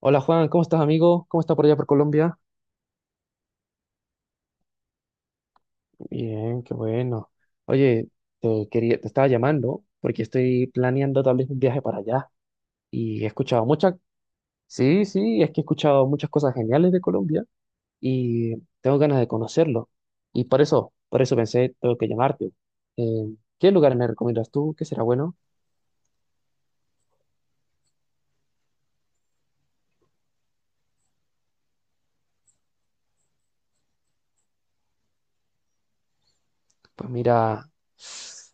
Hola Juan, ¿cómo estás amigo? ¿Cómo está por allá por Colombia? Bien, qué bueno. Oye, te estaba llamando porque estoy planeando tal vez un viaje para allá y he escuchado muchas, sí, sí, es que he escuchado muchas cosas geniales de Colombia y tengo ganas de conocerlo. Y por eso pensé, tengo que llamarte. ¿Qué lugares me recomiendas tú? ¿Qué será bueno? Pues mira,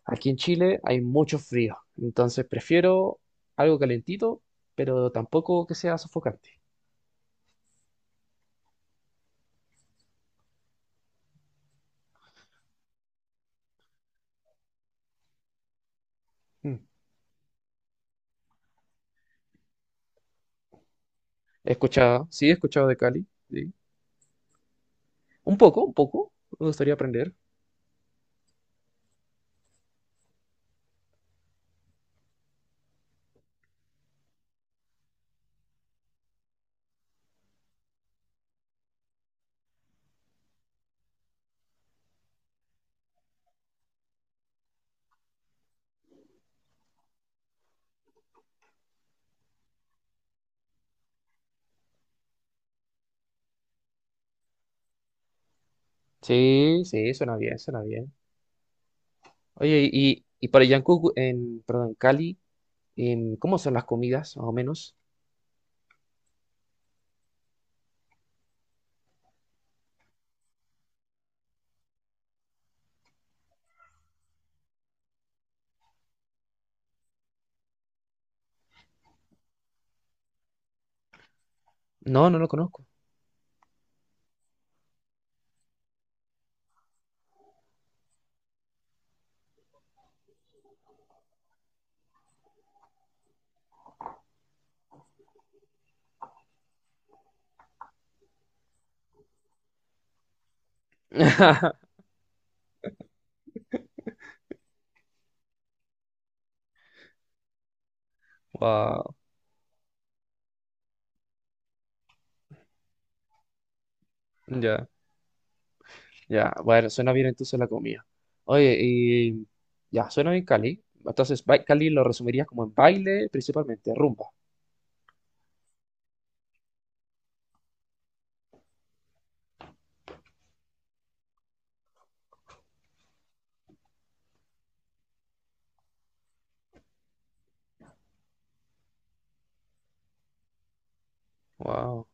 aquí en Chile hay mucho frío, entonces prefiero algo calentito, pero tampoco que sea sofocante. Mm. He escuchado, sí, he escuchado de Cali, sí. Un poco, un poco. Me gustaría aprender. Sí, sí, suena bien, suena bien. Oye, y para Yancu, en, perdón, en Cali, ¿cómo son las comidas, más o menos? No, no lo conozco. Wow, ya, ya. Bueno, suena bien entonces la comida. Oye, y ya, suena bien Cali. Entonces, Cali lo resumirías como en baile, principalmente, rumba. Wow,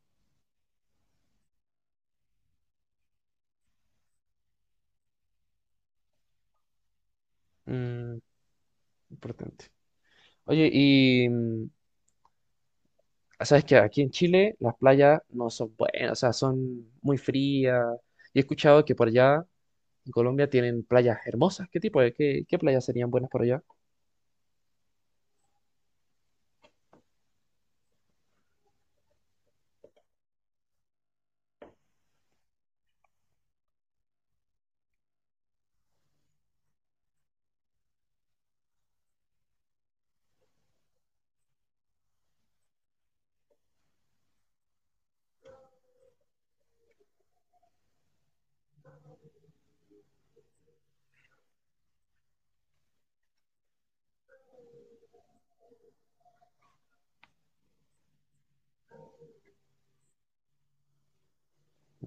mm, importante. Oye, sabes que aquí en Chile las playas no son buenas, o sea, son muy frías. Y he escuchado que por allá en Colombia tienen playas hermosas. ¿Qué tipo de, qué, qué playas serían buenas por allá?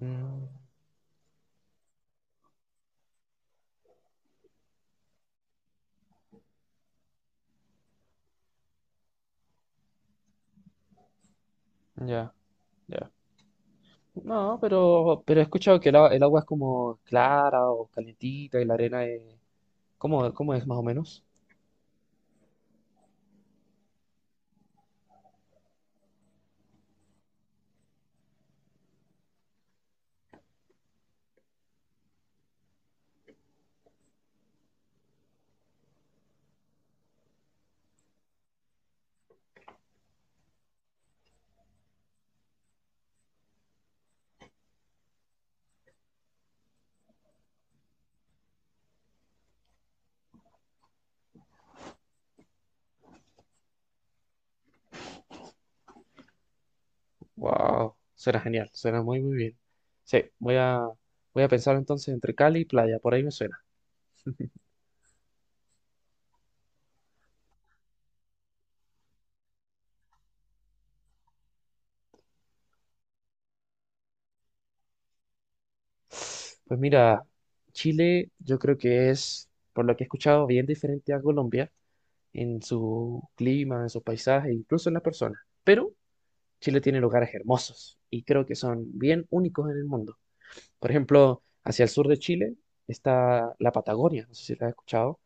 Mm, ya, ya. No, pero he escuchado que el agua es como clara o calentita y la arena es cómo es más o menos? Wow, suena genial, suena muy muy bien. Sí, voy a pensar entonces entre Cali y playa, por ahí me suena. Pues mira, Chile yo creo que es, por lo que he escuchado, bien diferente a Colombia en su clima, en su paisaje, incluso en las personas. Pero Chile tiene lugares hermosos y creo que son bien únicos en el mundo. Por ejemplo, hacia el sur de Chile está la Patagonia, no sé si la has escuchado.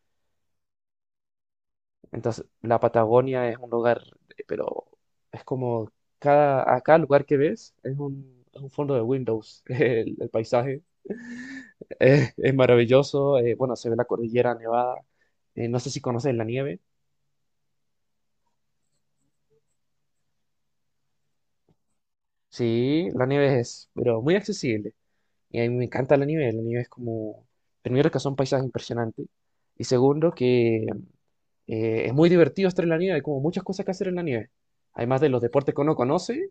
Entonces, la Patagonia es un lugar, pero es como a cada lugar que ves es es un fondo de Windows, el paisaje. Es maravilloso, bueno, se ve la cordillera nevada. No sé si conoces la nieve. Sí, la nieve es, pero muy accesible. Y a mí me encanta la nieve. La nieve es como, primero que son paisajes impresionantes. Y segundo que es muy divertido estar en la nieve. Hay como muchas cosas que hacer en la nieve. Además de los deportes que uno conoce,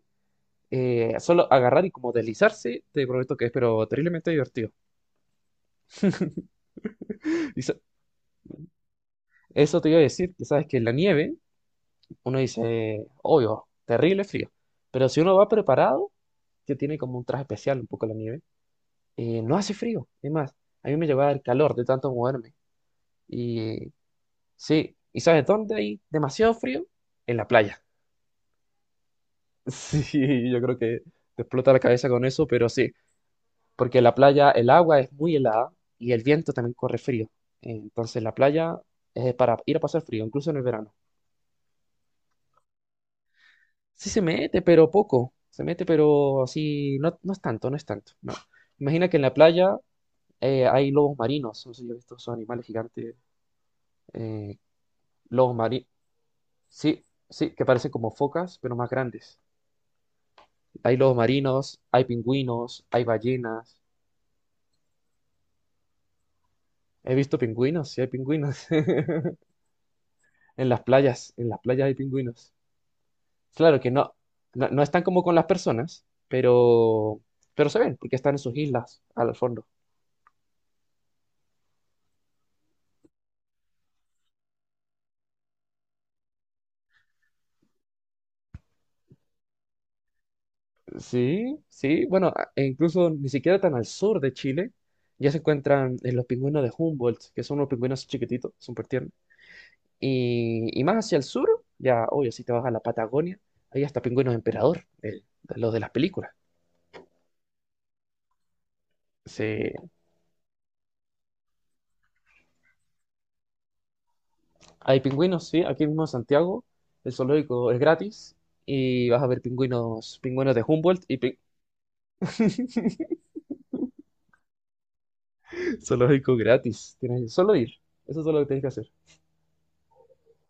solo agarrar y como deslizarse, te prometo que es pero terriblemente divertido. Dice- Eso te iba a decir, que sabes que en la nieve uno dice, obvio, terrible frío, pero si uno va preparado, que tiene como un traje especial un poco la nieve, no hace frío, es más, a mí me llevaba el calor de tanto moverme. Y sí, ¿y sabes dónde hay demasiado frío? En la playa. Sí, yo creo que te explota la cabeza con eso, pero sí. Porque la playa, el agua es muy helada y el viento también corre frío. Entonces la playa es para ir a pasar frío, incluso en el verano. Sí se mete, pero poco. Se mete, pero así, no, no es tanto, no es tanto. No. Imagina que en la playa hay lobos marinos, no sé si has visto esos animales gigantes, eh, lobos marinos, sí, sí, que parecen como focas, pero más grandes. Hay lobos marinos, hay pingüinos, hay ballenas. He visto pingüinos, sí hay pingüinos. En las playas hay pingüinos. Claro que no, no, no están como con las personas, pero se ven, porque están en sus islas al fondo. Sí, sí, bueno, e incluso ni siquiera tan al sur de Chile, ya se encuentran en los pingüinos de Humboldt, que son unos pingüinos chiquititos, súper tiernos. Y más hacia el sur, ya, obvio, si te vas a la Patagonia, ahí hasta pingüinos emperador, de los de las películas. Sí, hay pingüinos, sí, aquí mismo en Santiago, el zoológico es gratis, y vas a ver pingüinos, pingüinos de Humboldt y zoológico gratis. Tienes que solo ir. Eso es todo lo que tienes que hacer.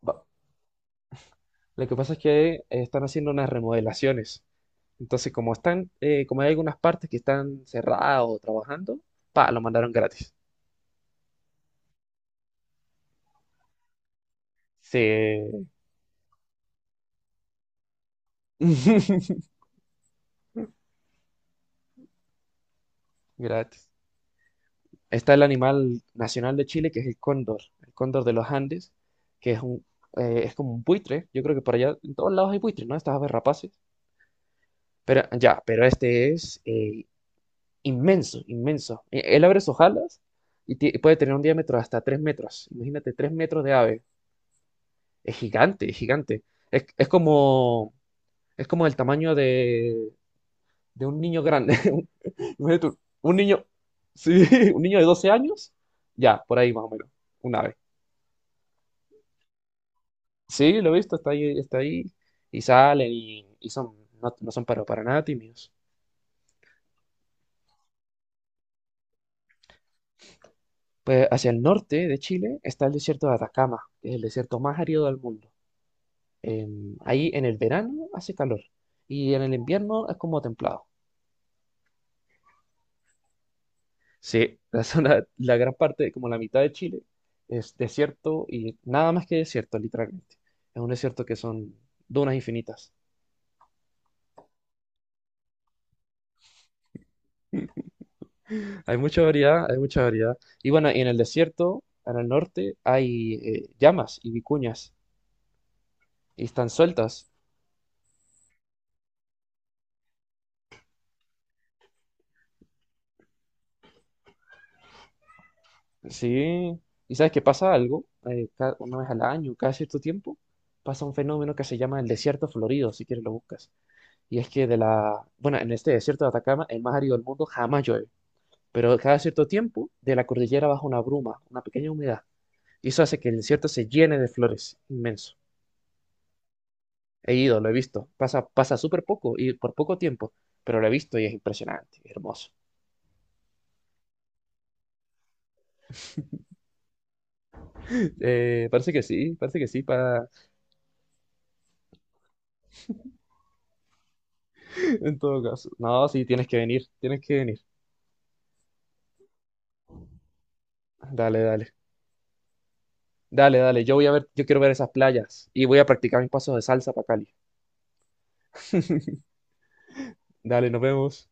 Va. Lo que pasa es que están haciendo unas remodelaciones. Entonces, como hay algunas partes que están cerradas o trabajando, pa, lo mandaron gratis. Sí. Gratis. Está el animal nacional de Chile, que es el cóndor de los Andes, que es es como un buitre. Yo creo que por allá en todos lados hay buitres, ¿no? Estas aves rapaces. Pero ya, pero este es inmenso, inmenso. Él abre sus alas y puede tener un diámetro de hasta 3 metros. Imagínate, 3 metros de ave. Es gigante, es gigante. Es, es como, es como el tamaño de un niño grande. Imagínate tú, un niño, sí, un niño de 12 años, ya, por ahí más o menos, un ave. Sí, lo he visto, está ahí, y salen y son, no, no son para nada tímidos. Pues hacia el norte de Chile está el desierto de Atacama, que es el desierto más árido del mundo. Ahí en el verano hace calor y en el invierno es como templado. Sí, la gran parte, como la mitad de Chile, es desierto y nada más que desierto, literalmente. Es un desierto que son dunas infinitas. Hay mucha variedad, hay mucha variedad. Y bueno, y en el desierto, en el norte, hay llamas y vicuñas y están sueltas. Sí, y sabes que pasa algo, 1 vez al año, cada cierto tiempo, pasa un fenómeno que se llama el desierto florido, si quieres lo buscas. Y es que bueno, en este desierto de Atacama, el más árido del mundo, jamás llueve. Pero cada cierto tiempo, de la cordillera baja una bruma, una pequeña humedad. Y eso hace que el desierto se llene de flores, inmenso. He ido, lo he visto. Pasa, pasa súper poco y por poco tiempo, pero lo he visto y es impresionante, hermoso. Parece que sí, parece que sí, para en todo caso. No, sí, tienes que venir, tienes que venir. Dale, dale. Dale, dale. Yo voy a ver, yo quiero ver esas playas y voy a practicar mis pasos de salsa para Cali. Dale, nos vemos.